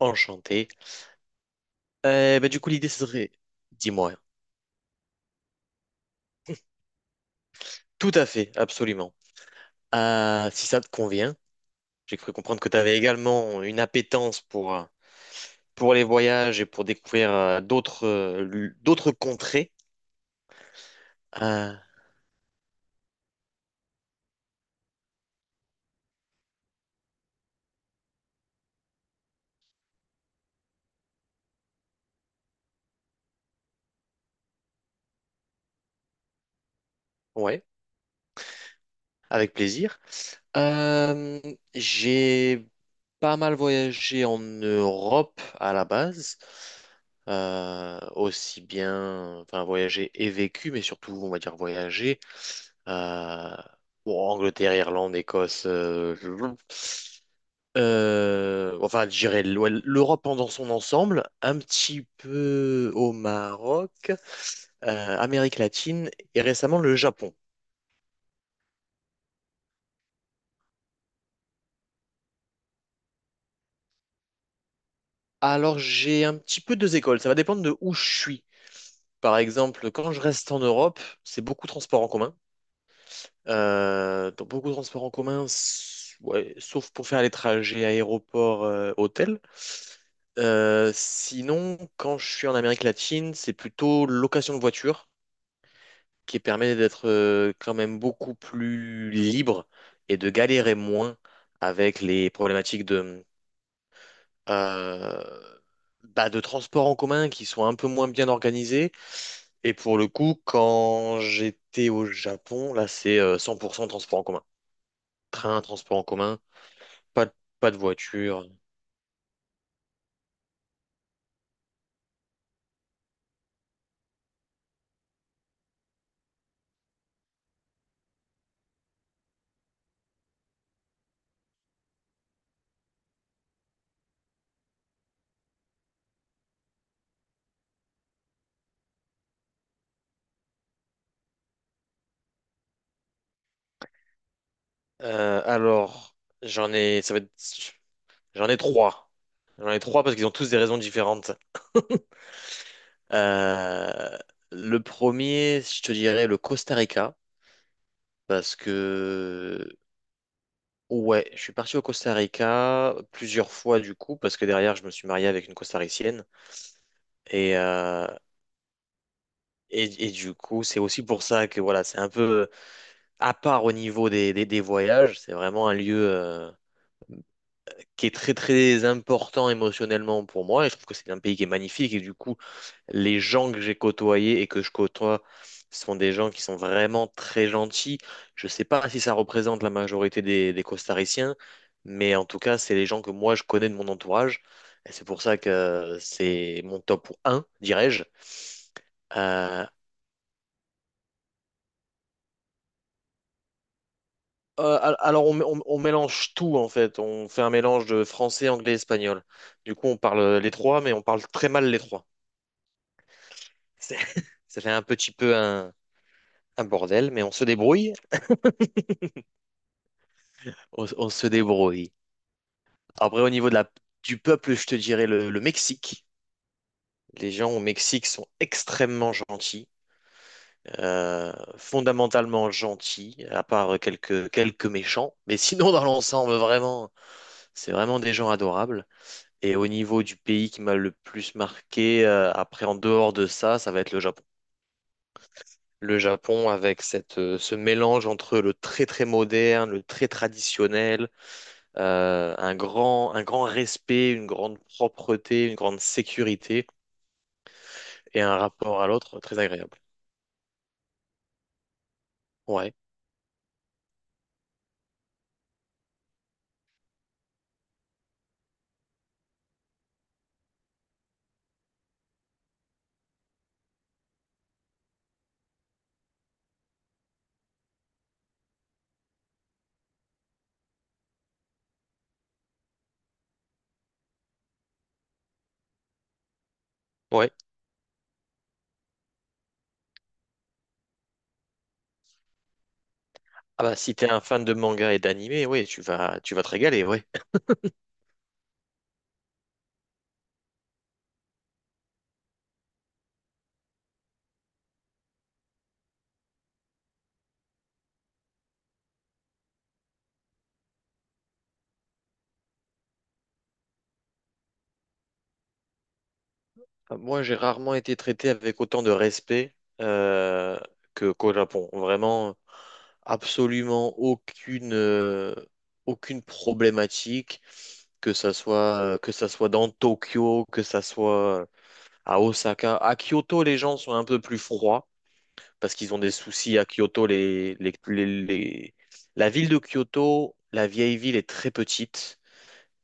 Enchanté. Du coup, l'idée, ce serait, dis-moi, tout à fait, absolument. Si ça te convient, j'ai cru comprendre que tu avais également une appétence pour les voyages et pour découvrir d'autres d'autres contrées. Euh, ouais, avec plaisir. Euh, j'ai pas mal voyagé en Europe à la base, aussi bien, enfin voyagé et vécu, mais surtout, on va dire voyager. euh, bon, Angleterre, Irlande, Écosse, enfin, je dirais l'Europe dans son ensemble, un petit peu au Maroc, Amérique latine et récemment le Japon. Alors, j'ai un petit peu deux écoles, ça va dépendre de où je suis. Par exemple, quand je reste en Europe, c'est beaucoup de transports en commun. Donc beaucoup de transports en commun, ouais, sauf pour faire les trajets aéroport-hôtel. Sinon, quand je suis en Amérique latine, c'est plutôt location de voiture qui permet d'être quand même beaucoup plus libre et de galérer moins avec les problématiques euh, bah, de transports en commun qui sont un peu moins bien organisés. Et pour le coup, quand j'étais au Japon, là, c'est 100% transport en commun. Train, transport en commun, pas de, pas de voiture. Alors, j'en ai, ça va être- j'en ai trois. J'en ai trois parce qu'ils ont tous des raisons différentes. Euh, le premier, je te dirais le Costa Rica, parce que ouais, je suis parti au Costa Rica plusieurs fois du coup, parce que derrière, je me suis marié avec une Costaricienne. Et, euh, et du coup, c'est aussi pour ça que voilà, c'est un peu à part au niveau des voyages. C'est vraiment un lieu qui est très très important émotionnellement pour moi. Et je trouve que c'est un pays qui est magnifique. Et du coup, les gens que j'ai côtoyés et que je côtoie sont des gens qui sont vraiment très gentils. Je ne sais pas si ça représente la majorité des Costariciens, mais en tout cas, c'est les gens que moi je connais de mon entourage. Et c'est pour ça que c'est mon top un, dirais-je. Euh, al- alors, on mélange tout en fait. On fait un mélange de français, anglais, espagnol. Du coup, on parle les trois, mais on parle très mal les trois. C'est- Ça fait un petit peu un bordel, mais on se débrouille. On se débrouille. Après, au niveau de du peuple, je te dirais le Mexique. Les gens au Mexique sont extrêmement gentils, euh, fondamentalement gentils, à part quelques méchants. Mais sinon, dans l'ensemble, vraiment, c'est vraiment des gens adorables. Et au niveau du pays qui m'a le plus marqué, après, en dehors de ça, ça va être le Japon. Le Japon avec ce mélange entre le très très moderne, le très traditionnel, euh, un grand respect, une grande propreté, une grande sécurité et un rapport à l'autre très agréable. Ouais, ouais. Ah bah si t'es un fan de manga et d'animé, oui tu vas te régaler, ouais. Moi, j'ai rarement été traité avec autant de respect euh, que qu'au Japon. Vraiment, absolument aucune problématique, que ça soit dans Tokyo, que ça soit à Osaka. À Kyoto, les gens sont un peu plus froids, parce qu'ils ont des soucis à Kyoto. La ville de Kyoto, la vieille ville, est très petite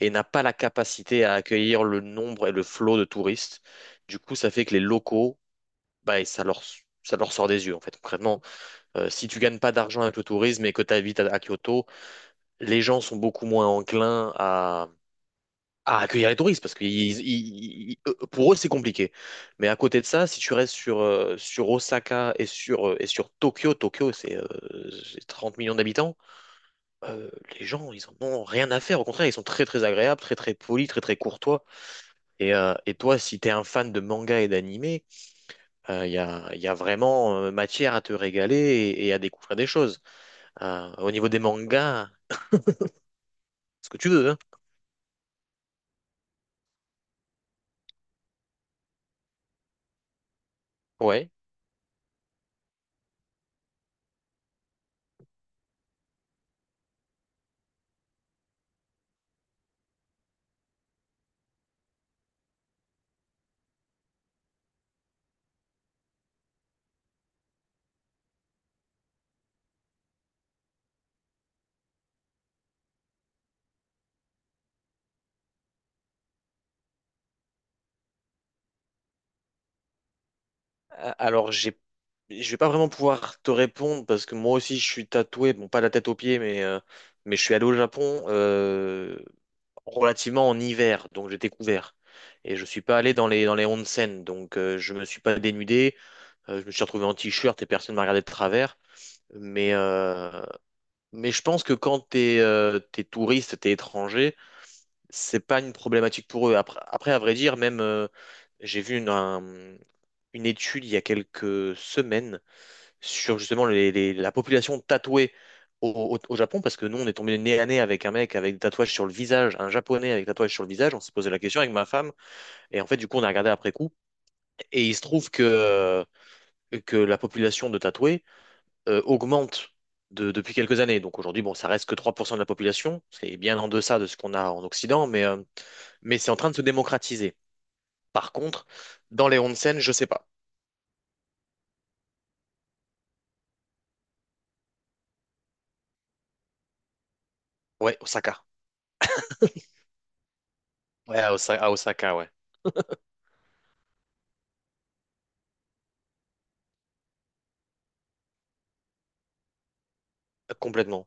et n'a pas la capacité à accueillir le nombre et le flot de touristes. Du coup, ça fait que les locaux, bah, ça leur, ça leur sort des yeux, en fait, concrètement. Si tu gagnes pas d'argent avec le tourisme et que tu habites à Kyoto, les gens sont beaucoup moins enclins à accueillir les touristes parce que pour eux c'est compliqué. Mais à côté de ça, si tu restes sur, sur Osaka et sur Tokyo, Tokyo c'est 30 millions d'habitants, euh, les gens ils en ont rien à faire. Au contraire, ils sont très très agréables, très très polis, très très courtois. Et toi, si t'es un fan de manga et d'animé, y a vraiment matière à te régaler et à découvrir des choses. Au niveau des mangas, ce que tu veux, hein. Ouais. Euh, Alors, j'ai, je vais pas vraiment pouvoir te répondre parce que moi aussi je suis tatoué, bon pas la tête aux pieds, mais je suis allé au Japon relativement en hiver, donc j'étais couvert. Et je suis pas allé dans les onsen, donc je me suis pas dénudé, je me suis retrouvé en t-shirt et personne m'a regardé de travers. Mais, euh, mais je pense que quand t'es touriste, t'es étranger, c'est pas une problématique pour eux. Après, après à vrai dire, même j'ai vu une étude il y a quelques semaines sur justement la population tatouée au Japon, parce que nous, on est tombé nez à nez avec un mec avec des tatouages sur le visage, un japonais avec des tatouages sur le visage, on s'est posé la question avec ma femme, et en fait, du coup, on a regardé après coup, et il se trouve que la population de tatoués augmente depuis quelques années. Donc aujourd'hui, bon, ça reste que 3% de la population, c'est bien en deçà de ce qu'on a en Occident, mais c'est en train de se démocratiser. Par contre, dans les onsen, je sais pas. Ouais, Osaka. Ouais, à Osaka, ouais. Complètement.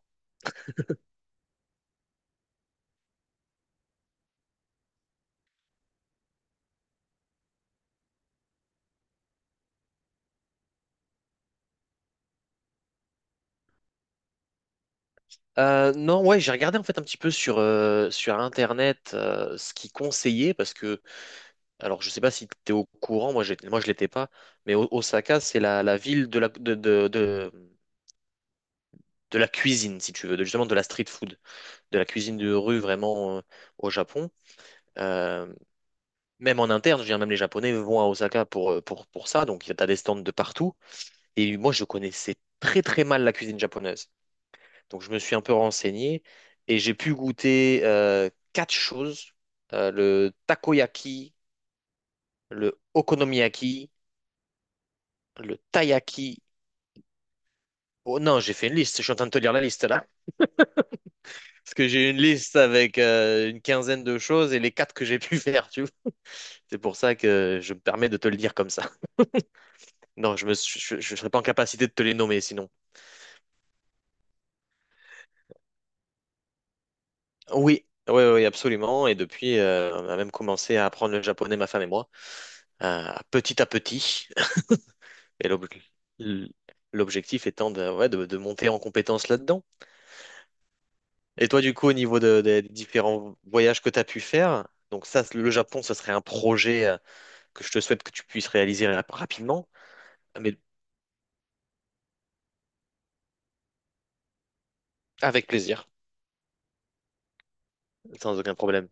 Non, Ouais, j'ai regardé en fait un petit peu sur, sur Internet ce qu'ils conseillaient parce que, alors je sais pas si tu es au courant, moi je l'étais pas, mais Osaka c'est la ville de de la cuisine, si tu veux, de, justement de la street food, de la cuisine de rue vraiment au Japon. Euh, même en interne, je veux dire, même les Japonais vont à Osaka pour, pour ça, donc tu as des stands de partout. Et moi je connaissais très très mal la cuisine japonaise. Donc je me suis un peu renseigné et j'ai pu goûter quatre choses. Le takoyaki, le okonomiyaki, le taiyaki. Oh non, j'ai fait une liste, je suis en train de te lire la liste là. Parce que j'ai une liste avec une quinzaine de choses et les quatre que j'ai pu faire, tu vois. C'est pour ça que je me permets de te le dire comme ça. Non, je me, suis- je, ne serais pas en capacité de te les nommer sinon. Oui, oui, oui, absolument. Et depuis, on a même commencé à apprendre le japonais, ma femme et moi, petit à petit. Et l- l'objectif étant de, ouais, de monter en compétence là-dedans. Et toi, du coup, au niveau des différents voyages que tu as pu faire, donc ça, le Japon, ce serait un projet que je te souhaite que tu puisses réaliser rapidement, mais avec plaisir, sans aucun problème.